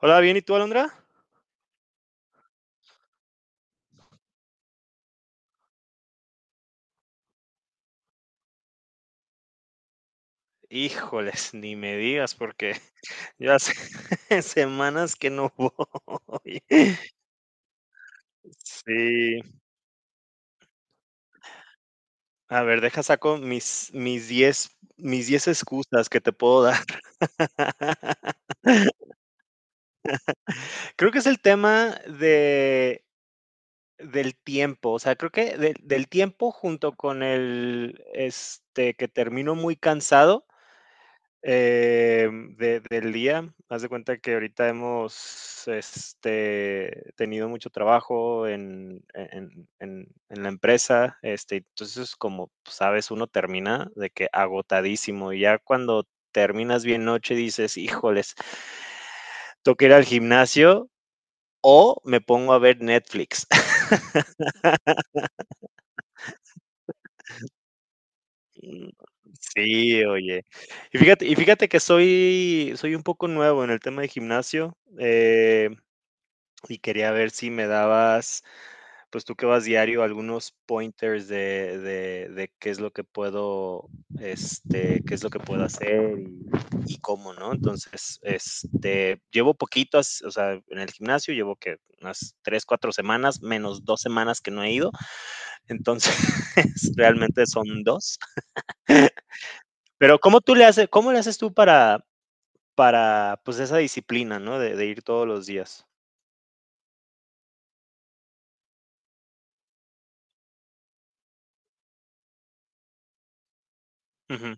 Hola, bien, ¿y tú, Alondra? Híjoles, ni me digas porque yo hace semanas que no voy. Sí, a ver, deja saco mis 10 excusas que te puedo dar. Creo que es el tema de del tiempo, o sea, creo que del tiempo junto con el, este, que termino muy cansado. Eh, Del día, haz de cuenta que ahorita hemos este, tenido mucho trabajo en la empresa, este, entonces como sabes, uno termina de que agotadísimo y ya cuando terminas bien noche dices, híjoles, toca ir al gimnasio o me pongo a ver Netflix. Mm. Sí, oye. Y fíjate que soy un poco nuevo en el tema de gimnasio. Y quería ver si me dabas, pues tú que vas diario, algunos pointers de qué es lo que puedo, este, qué es lo que puedo hacer y cómo, ¿no? Entonces, este, llevo poquitos o sea, en el gimnasio llevo que unas 3, 4 semanas, menos 2 semanas que no he ido, entonces realmente son 2. Pero ¿cómo tú le haces, cómo le haces tú para, pues esa disciplina, ¿no? De ir todos los días. Ujú.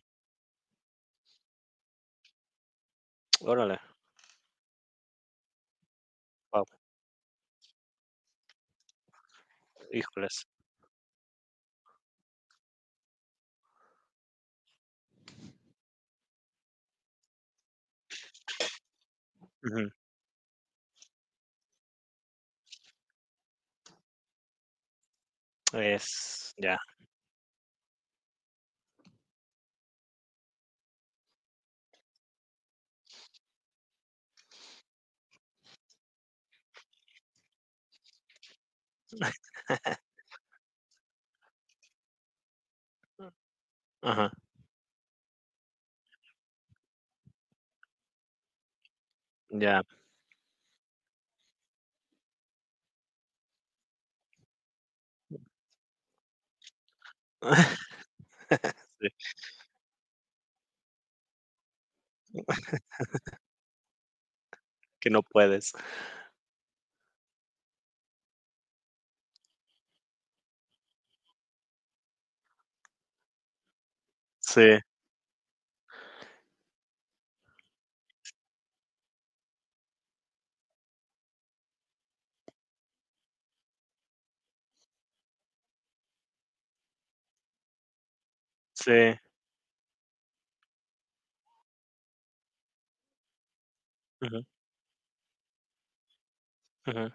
Órale, wow, híjoles. Es ya. Ajá, ya. Sí, que no puedes. Sí, sí. Ujú, ujú,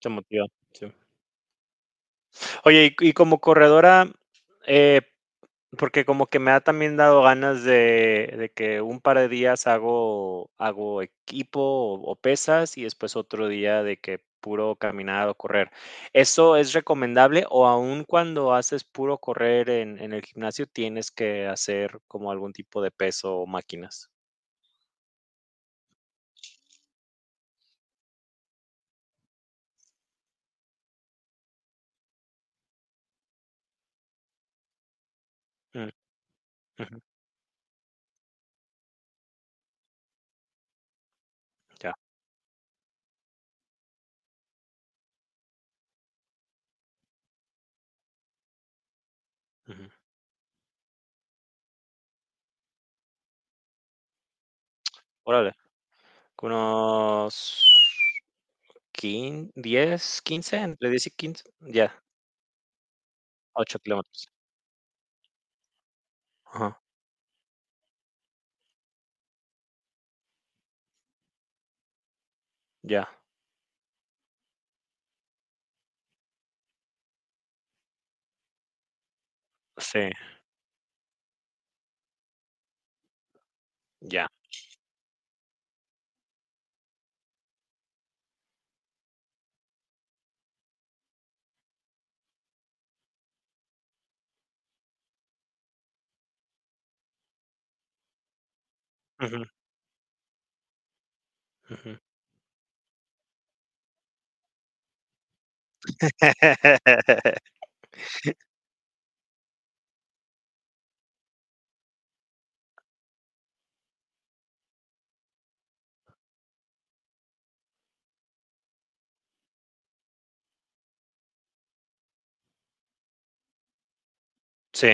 te motiva, sí. Oye, y como corredora, eh, porque como que me ha también dado ganas de que un par de días hago equipo o pesas, y después otro día de que puro caminar o correr, ¿eso es recomendable o aún cuando haces puro correr en el gimnasio tienes que hacer como algún tipo de peso o máquinas? Mm. Ya, ujú. Órale, con unos quin 10 15 entre 10 y 15, ya. 8 kilómetros. Ajá, ya, sí, ya. Ujú, ujú. Sí.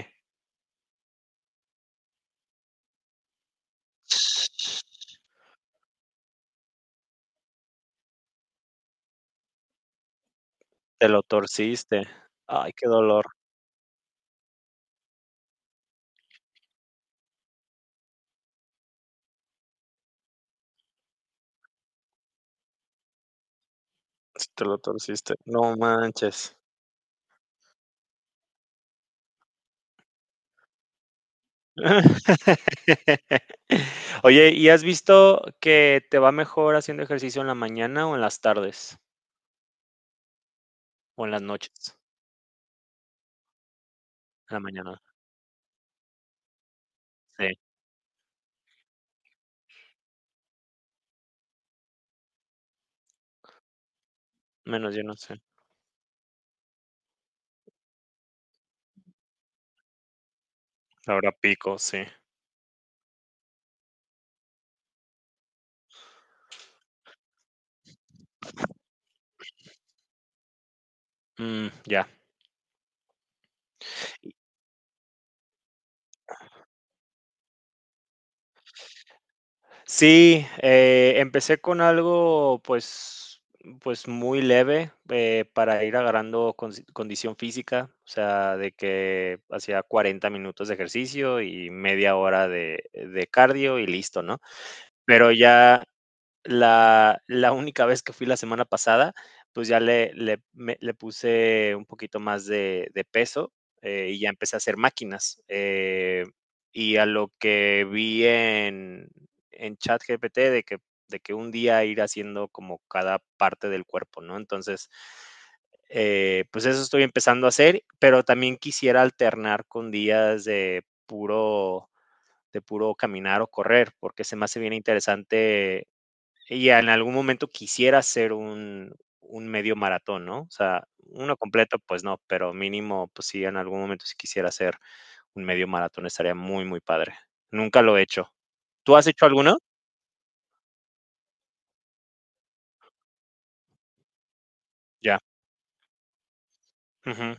Te lo torciste. Ay, qué dolor. Sí, te lo torciste. No manches. Oye, ¿y has visto que te va mejor haciendo ejercicio en la mañana o en las tardes? O en las noches. En la mañana. Sí. Menos yo no sé. Ahora pico, sí. Mm, ya. Sí, empecé con algo, pues pues muy leve, para ir agarrando consi condición física, o sea, de que hacía 40 minutos de ejercicio y media hora de cardio y listo, ¿no? Pero ya. La única vez que fui la semana pasada, pues, ya le puse un poquito más de peso, y ya empecé a hacer máquinas, y a lo que vi en ChatGPT de que un día ir haciendo como cada parte del cuerpo, ¿no? Entonces, pues, eso estoy empezando a hacer, pero también quisiera alternar con días de puro caminar o correr, porque se me hace bien interesante y en algún momento quisiera hacer un medio maratón, ¿no? O sea, uno completo, pues no, pero mínimo, pues sí, en algún momento si quisiera hacer un medio maratón estaría muy, muy padre. Nunca lo he hecho. ¿Tú has hecho alguno? Ya. Ujú.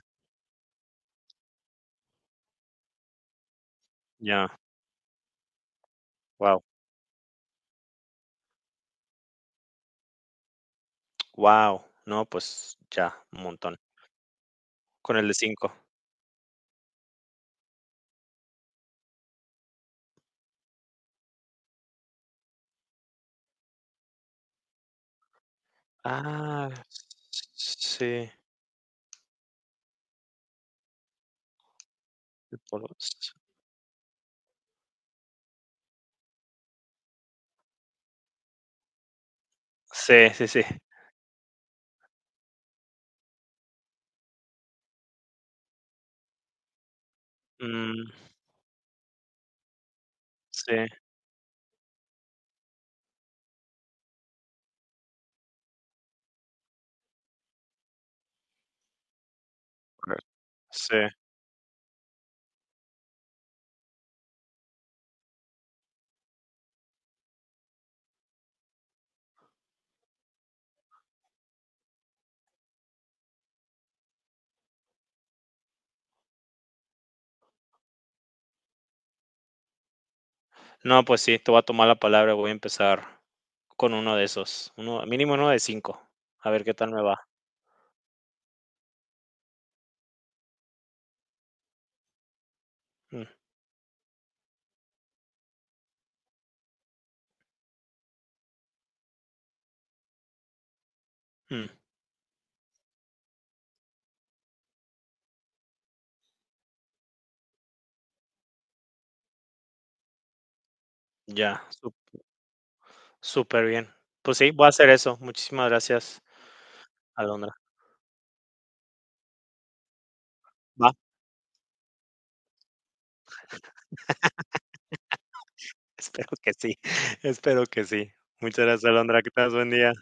Ya. Wow. Wow. No, pues ya, un montón. Con el de 5. Ah, sí. El polo- Sí, sí, sí. Mm, sí. Correcto. Sí. No, pues sí, te voy a tomar la palabra. Voy a empezar con uno de esos. Uno, mínimo uno de 5. A ver qué tal me va. Mm, mm, ya, súper bien. Pues sí, voy a hacer eso. Muchísimas gracias, Alondra. Va, espero que sí. Espero que sí. Muchas gracias, Alondra. Que tengas buen día.